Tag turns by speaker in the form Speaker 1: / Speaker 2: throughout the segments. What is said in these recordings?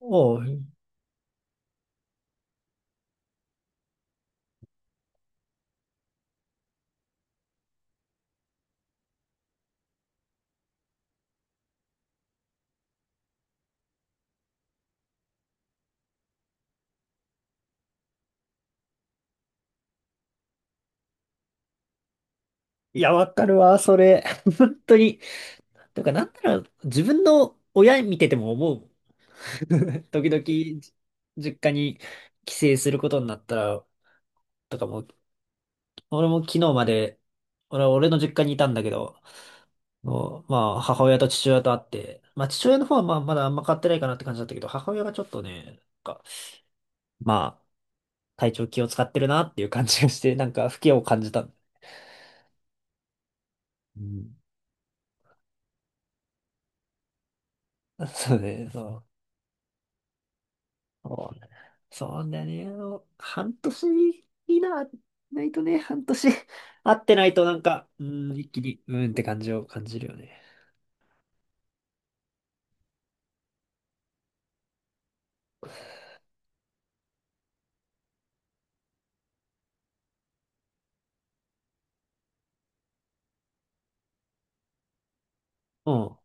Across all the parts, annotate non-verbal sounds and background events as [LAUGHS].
Speaker 1: おう、いや、わかるわ、それ。[LAUGHS] 本当に。とか、なんなら、自分の親見てても思うもん。[LAUGHS] 時々、実家に帰省することになったら、とかも、俺も昨日まで、俺は俺の実家にいたんだけど、もうまあ、母親と父親と会って、まあ、父親の方はまあ、まだあんま変わってないかなって感じだったけど、母親がちょっとね、んか、まあ、体調気を使ってるなっていう感じがして、なんか、不気を感じた。うん、[LAUGHS] そうね、そう。そうだね。あの、半年い内なないとね、半年 [LAUGHS] 会ってないとなんか、うーん、一気に、うーんって感じを感じるよね。うん。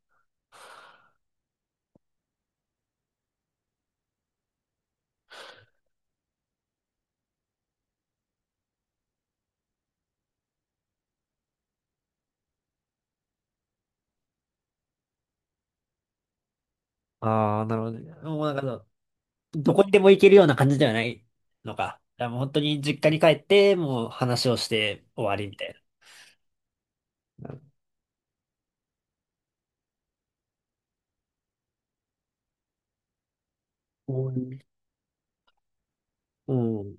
Speaker 1: ああ、なるほどね。もうなんかその、どこにでも行けるような感じではないのか。いやもう本当に実家に帰って、もう話をして終わりみたいな。うん。うん。い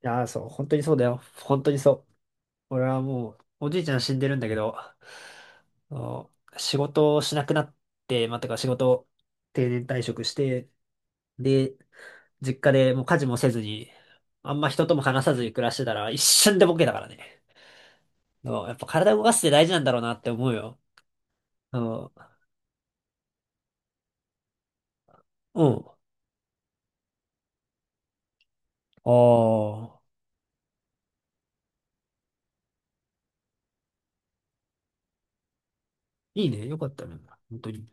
Speaker 1: やー、そう、本当にそうだよ。本当にそう。俺はもう、おじいちゃん死んでるんだけど、あの仕事をしなくなって、まあ、てか仕事を定年退職して、で、実家でもう家事もせずに、あんま人とも話さずに暮らしてたら一瞬でボケだからね。あのやっぱ体動かすって大事なんだろうなって思うよ。あの、うん。ああ、いいね。よかったね。本当に。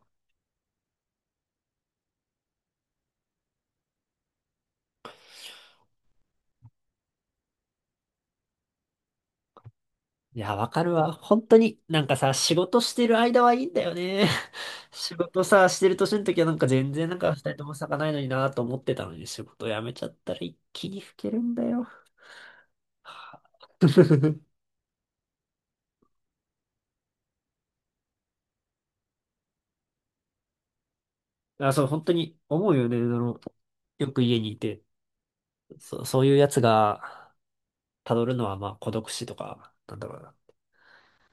Speaker 1: いや、わかるわ。本当に、なんかさ、仕事してる間はいいんだよね。[LAUGHS] 仕事さ、してる年の時はなんか全然なんか二人とも咲かないのになと思ってたのに、仕事辞めちゃったら一気に老けるんだよ。はあ [LAUGHS] あ、そう、本当に思うよね。あの、よく家にいて、そう、そういうやつが辿るのはまあ孤独死とか、なんだろうな、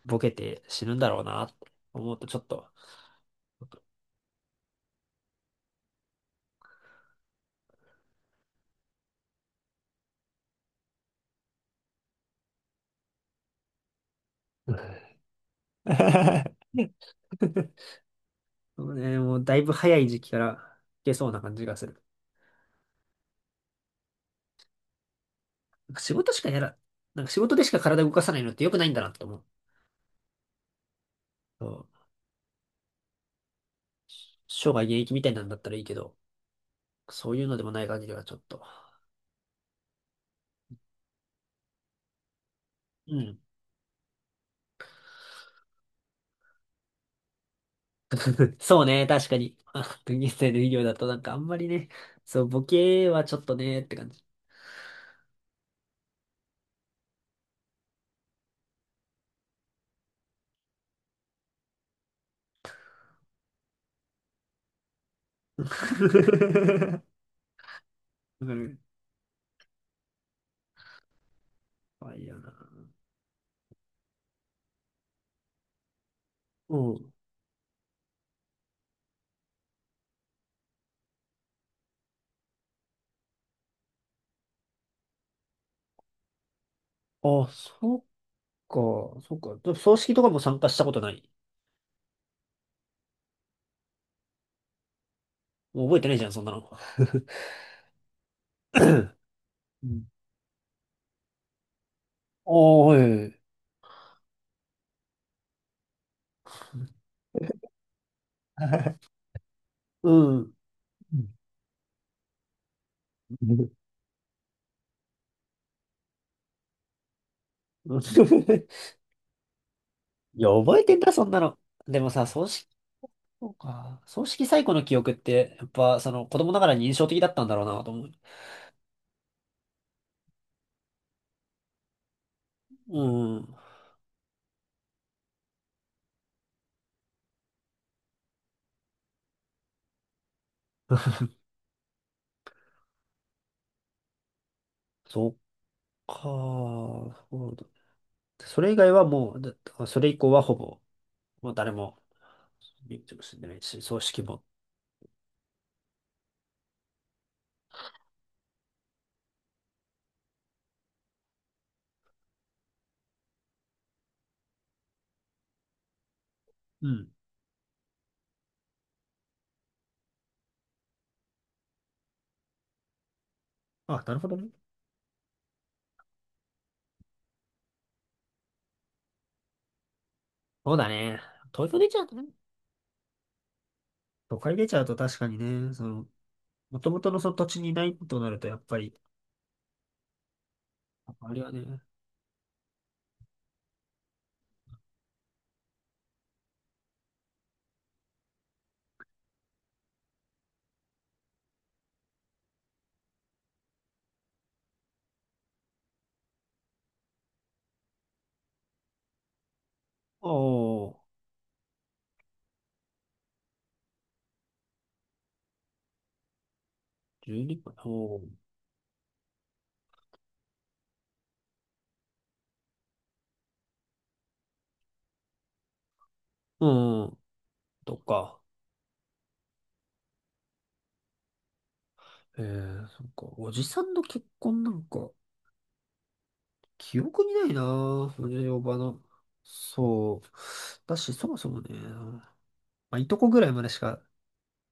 Speaker 1: ボケて死ぬんだろうなって思うとちょっと。[LAUGHS] そうね、もうだいぶ早い時期からいけそうな感じがする。なんか仕事しかやら、なんか仕事でしか体動かさないのって良くないんだなって思う。そう、生涯現役みたいなんだったらいいけど、そういうのでもない限りはちょっと。うん。そうね、確かに。[LAUGHS] 現在の医療だとなんかあんまりね、そう、ボケはちょっとね、って感じ。[LAUGHS] わかる。あ、いいよな。うん。あ、そっか、そっか。でも葬式とかも参加したことない。もう覚えてないじゃん、そんなの。[LAUGHS] うん。ああ、はい。[LAUGHS] うん。うん [LAUGHS] うん、いや、覚えてんだ、そんなの。でもさ、葬式、そうか。葬式最古の記憶って、やっぱ、その、子供ながらに印象的だったんだろうな、と思う。うん。そっか。そうだそれ以外はもう、それ以降はほぼ、もう誰も、身内も住んでないし、葬式も。うん。あなるほどね。そうだね。東京出ちゃうとね。都会出ちゃうと確かにね、その、もともとのその土地にいないとなると、やっぱり、あれはね、おー、12分、おー、うん、とか。ええー、そっか。おじさんの結婚なんか、記憶にないなぁ。おじおばの。そう。だし、そもそもね、まあ、いとこぐらいまでしか、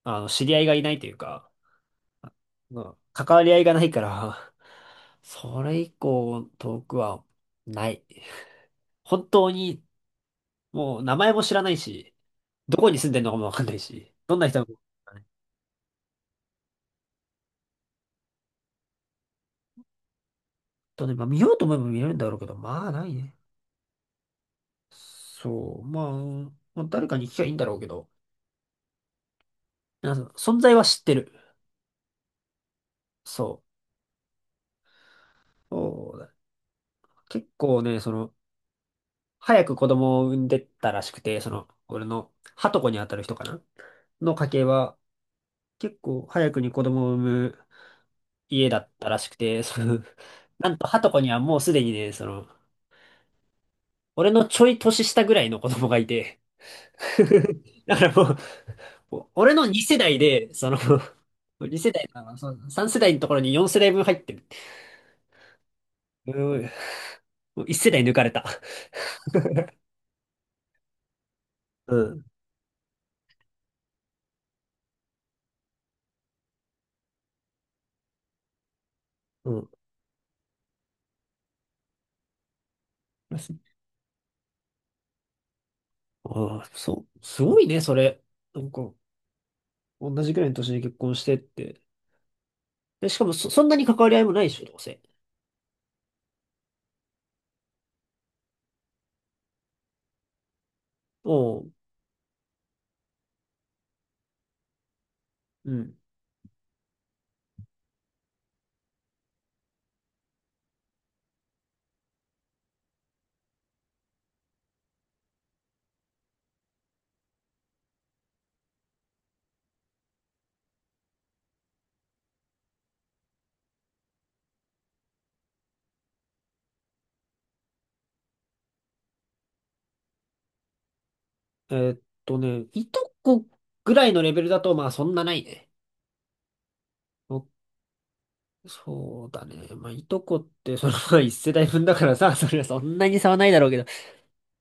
Speaker 1: あの、知り合いがいないというか、まあ、関わり合いがないから、[LAUGHS] それ以降、遠くは、ない。本当に、もう、名前も知らないし、どこに住んでるのかもわかんないし、どんな人なのかもわかんないとね、まあ、見ようと思えば見れるんだろうけど、まあ、ないね。そう、まあ、まあ誰かに聞きゃいいんだろうけど、そう、存在は知ってる。そう。そうだ結構ね、その、早く子供を産んでったらしくて、その、俺の、はとこにあたる人かなの家系は、結構早くに子供を産む家だったらしくて、その、なんとはとこにはもうすでにね、その、俺のちょい年下ぐらいの子供がいて、[LAUGHS] だからもう、俺の2世代で、その、2世代かな、その3世代のところに4世代分入ってる。うん、もう1世代抜かれた。うん。うん。ああ、そう、すごいね、それ。なんか、同じくらいの年に結婚してって。で、しかもそんなに関わり合いもないでしょ、どうせ。おう、うん。えーっいとこぐらいのレベルだと、まあ、そんなないね。おそうだね。まあ、いとこって、その、まあ一世代分だからさ、それはそんなに差はないだろうけど。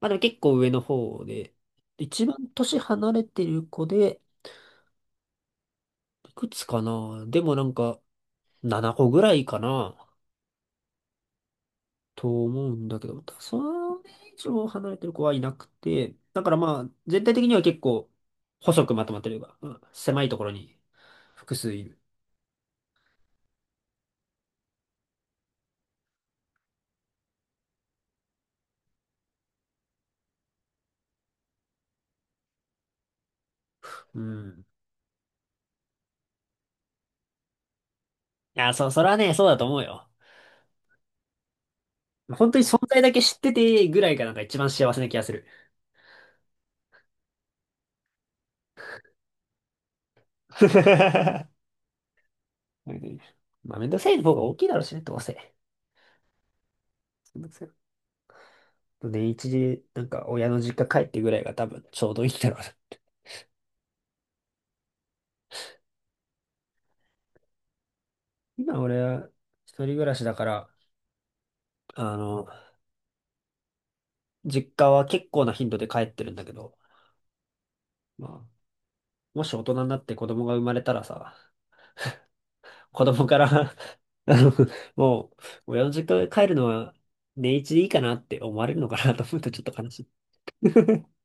Speaker 1: まあ、でも結構上の方で。一番年離れてる子で、いくつかなでもなんか、7個ぐらいかな。と思うんだけど、ただそれ以上離れてる子はいなくて、だからまあ、全体的には結構、細くまとまってるが、うん、狭いところに複数いる。うん。いや、そう、それはね、そうだと思うよ。本当に存在だけ知っててぐらいがなんか一番幸せな気がする。[LAUGHS] まあ、めんどくさい方が大きいだろうしね、どうせ。めんどくさい。年一で、なんか親の実家帰ってぐらいが多分ちょうどいいんだろうな。今俺は一人暮らしだから、あの、実家は結構な頻度で帰ってるんだけど、まあ、もし大人になって子供が生まれたらさ、子供から [LAUGHS] あの、もう、親の実家に帰るのは年一でいいかなって思われるのかなと思うとちょっと悲しい。[LAUGHS]